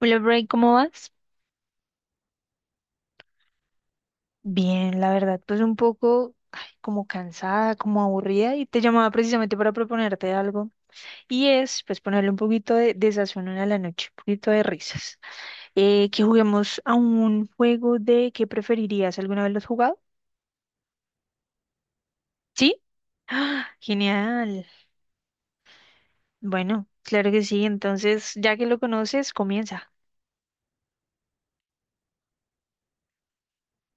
Hola, Bray, ¿cómo vas? Bien, la verdad, pues un poco ay, como cansada, como aburrida y te llamaba precisamente para proponerte algo y es pues ponerle un poquito de sazón a la noche, un poquito de risas. Que juguemos a un juego de ¿qué preferirías? ¿Alguna vez lo has jugado? ¿Sí? ¡Ah! Genial. Bueno, claro que sí, entonces ya que lo conoces, comienza.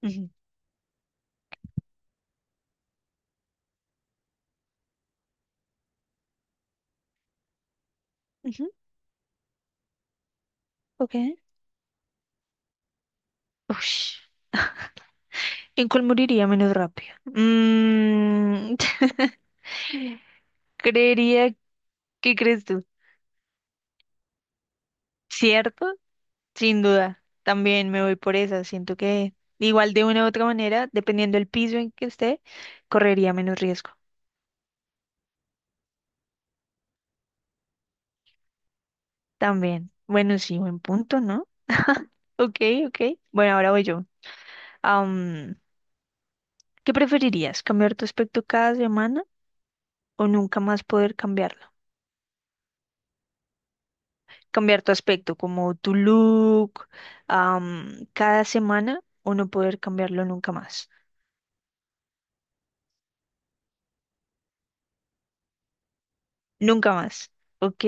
Ujú, ujú, ok. Ush. ¿En cuál moriría menos rápido? Creería que crees tú, ¿cierto? Sin duda, también me voy por esa. Siento que igual de una u otra manera, dependiendo del piso en que esté, correría menos riesgo. También. Bueno, sí, buen punto, ¿no? Ok, ok. Bueno, ahora voy yo. Am, ¿Qué preferirías? ¿Cambiar tu aspecto cada semana o nunca más poder cambiarlo? Cambiar tu aspecto, como tu look, cada semana o no poder cambiarlo nunca más. Nunca más. Ok,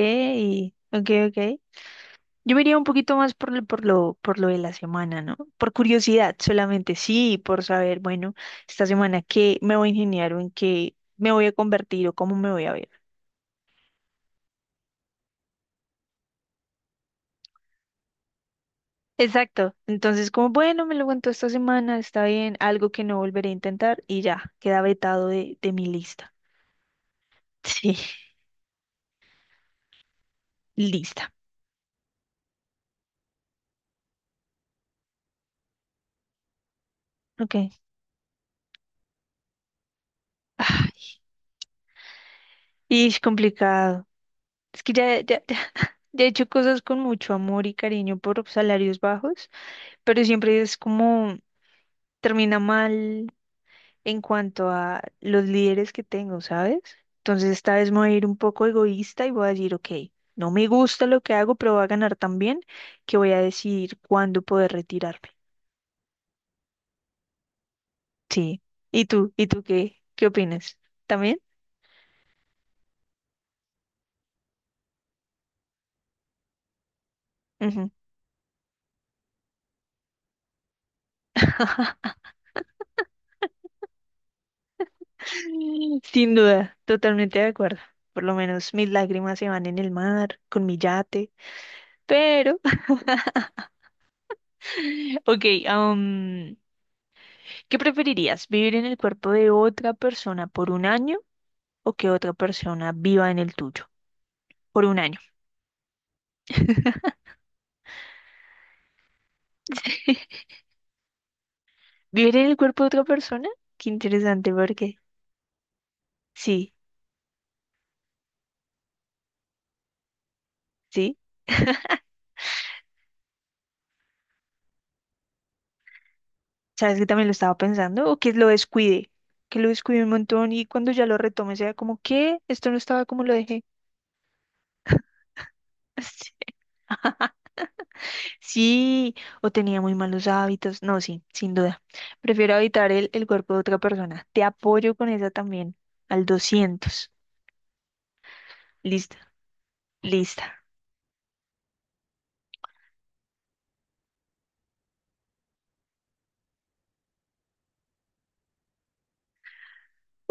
ok, ok. Yo me iría un poquito más por lo de la semana, ¿no? Por curiosidad solamente, sí, por saber, bueno, esta semana qué me voy a ingeniar o en qué me voy a convertir o cómo me voy a ver. Exacto. Entonces, como, bueno, me lo cuento esta semana, está bien, algo que no volveré a intentar y ya, queda vetado de mi lista. Sí, lista. Ok. Ah, y es complicado. Es que ya, ya, ya, ya he hecho cosas con mucho amor y cariño por salarios bajos, pero siempre es como termina mal en cuanto a los líderes que tengo, ¿sabes? Entonces esta vez me voy a ir un poco egoísta y voy a decir, ok, no me gusta lo que hago, pero voy a ganar tan bien que voy a decidir cuándo poder retirarme. Sí. ¿Y tú? ¿Y tú qué? ¿Qué opinas? ¿También? Ujú. Sin duda, totalmente de acuerdo. Por lo menos mis lágrimas se van en el mar, con mi yate. Pero, ok, ¿qué preferirías? ¿Vivir en el cuerpo de otra persona por un año? O que otra persona viva en el tuyo por un año. ¿Vivir en el cuerpo de otra persona? Qué interesante, porque sí, sí. ¿Sabes que también lo estaba pensando? O que lo descuide un montón y cuando ya lo retome sea como, ¿qué? Esto no estaba como lo dejé. Sí. Sí, o tenía muy malos hábitos. No, sí, sin duda. Prefiero habitar el cuerpo de otra persona. Te apoyo con esa también, al 200. Lista, lista.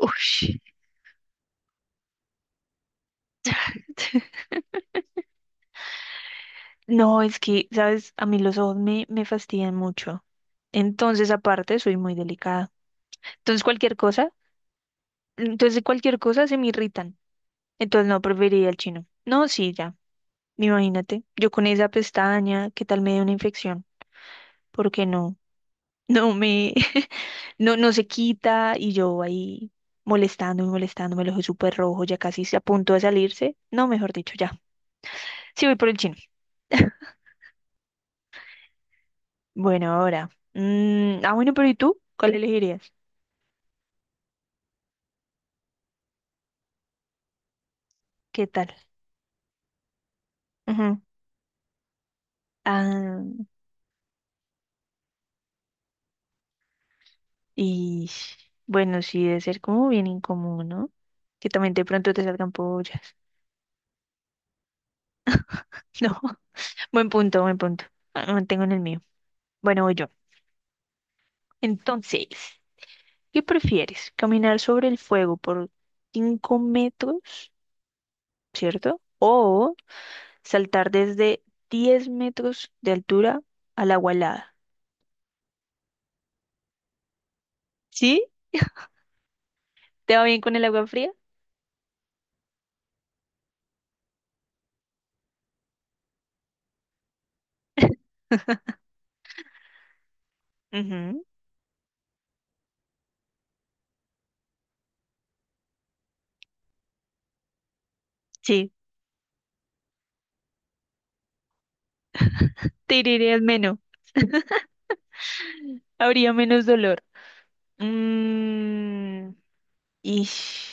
Ush. No, es que, sabes, a mí los ojos me fastidian mucho. Entonces, aparte, soy muy delicada. Entonces, cualquier cosa, entonces cualquier cosa se me irritan. Entonces, no, preferiría el chino. No, sí, ya. Imagínate, yo con esa pestaña, ¿qué tal me dé una infección? Porque no, no me, no, no se quita y yo ahí molestando y molestando, me lo ojo súper rojo, ya casi se a punto de salirse. No, mejor dicho, ya. Sí, voy por el chino. Bueno, ahora. Bueno, pero ¿y tú? ¿Cuál elegirías? ¿Qué tal? Ujú. Ah, y bueno, sí debe ser como bien incómodo, ¿no? Que también de pronto te salgan pollas. No, buen punto, buen punto. Ah, me mantengo en el mío. Bueno, voy yo. Entonces, ¿qué prefieres? ¿Caminar sobre el fuego por 5 metros, cierto? ¿O saltar desde 10 metros de altura al agua helada? ¿Sí? ¿Te va bien con el agua fría? Ujú, sí, te herirías menos, habría menos dolor. Mm, y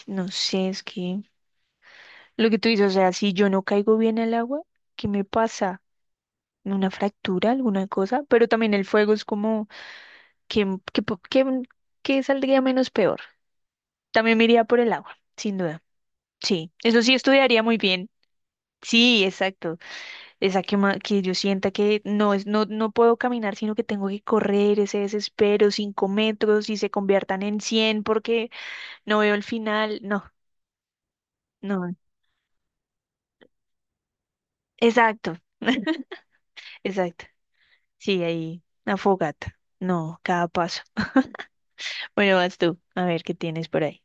no sé, es que lo que tú dices, o sea, si yo no caigo bien al agua, ¿qué me pasa? ¿Una fractura, alguna cosa? Pero también el fuego es como, ¿qué, qué, po- qué- qué saldría menos peor? También me iría por el agua, sin duda. Sí, eso sí estudiaría muy bien. Sí, exacto. Esa que, que yo sienta que no es, no, no puedo caminar, sino que tengo que correr ese desespero, 5 metros y se conviertan en 100 porque no veo el final. No. No, exacto, exacto. Sí, ahí, una fogata. No, cada paso. Bueno, vas tú, a ver qué tienes por ahí.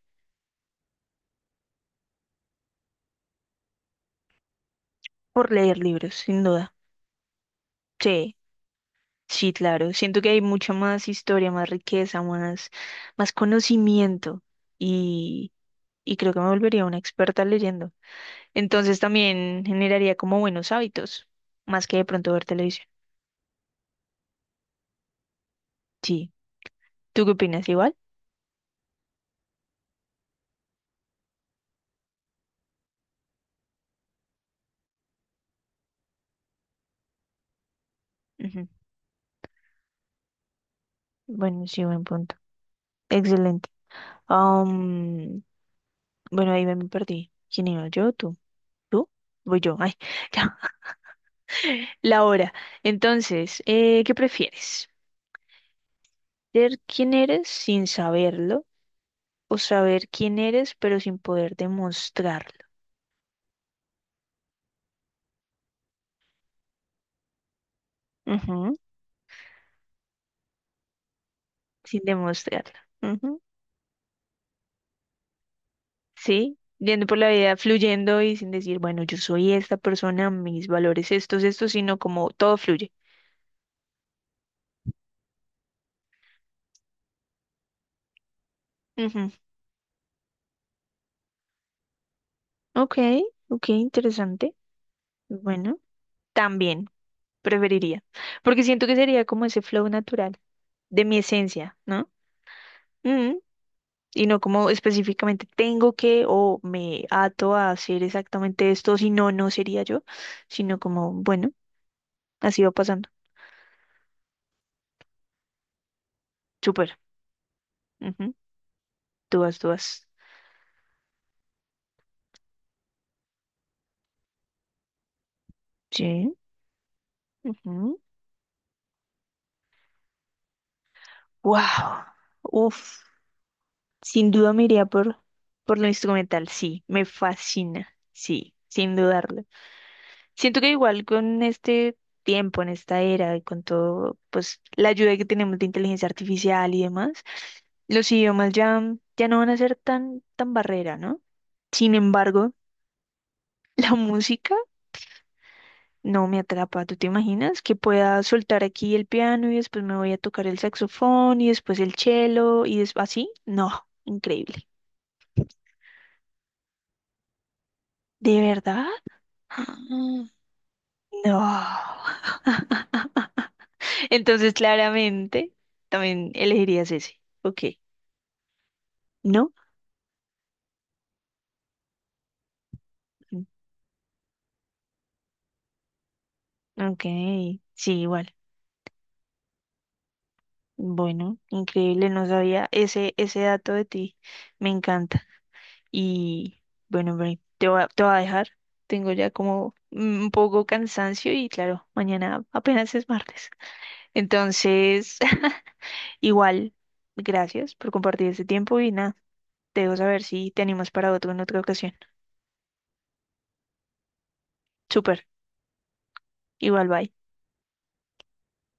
Por leer libros, sin duda. Sí, sí, claro. Siento que hay mucha más historia, más riqueza, más, más conocimiento y, y creo que me volvería una experta leyendo. Entonces también generaría como buenos hábitos, más que de pronto ver televisión. Sí, ¿tú qué opinas? ¿Igual? Ujú. Bueno, sí, buen punto. Excelente. Bueno, ahí me perdí. ¿Quién iba? ¿Yo? ¿Tú? ¿Tú? Voy yo. Ay, ya. La hora. Entonces, ¿qué prefieres? ¿Ser quién eres sin saberlo o saber quién eres pero sin poder demostrarlo? Ujú, sin demostrarlo. Ujú, sí, yendo por la vida fluyendo y sin decir, bueno, yo soy esta persona, mis valores estos, estos, sino como todo fluye. Ujú, ok, ok, interesante. Bueno, también preferiría, porque siento que sería como ese flow natural de mi esencia, ¿no? Mm, y no como específicamente tengo que o me ato a hacer exactamente esto, si no, no sería yo, sino como, bueno, así va pasando. Súper. Ujú. Tú vas, tú vas. Sí. Ujú. Wow. Uf. Sin duda me iría por lo instrumental, sí, me fascina, sí, sin dudarlo. Siento que igual con este tiempo, en esta era, y con todo, pues la ayuda que tenemos de inteligencia artificial y demás, los idiomas ya, ya no van a ser tan barrera, ¿no? Sin embargo, la música no me atrapa. ¿Tú te imaginas que pueda soltar aquí el piano y después me voy a tocar el saxofón y después el cello y después así? No, increíble. ¿De verdad? No. Entonces, claramente, también elegirías ese. Ok. ¿No? Ok, sí, igual. Bueno, increíble, no sabía ese dato de ti. Me encanta. Y bueno, Bri, te voy a dejar. Tengo ya como un poco cansancio y claro, mañana apenas es martes. Entonces, igual, gracias por compartir este tiempo y nada, te dejo saber si te animas para otro en otra ocasión. Súper, igual, bye.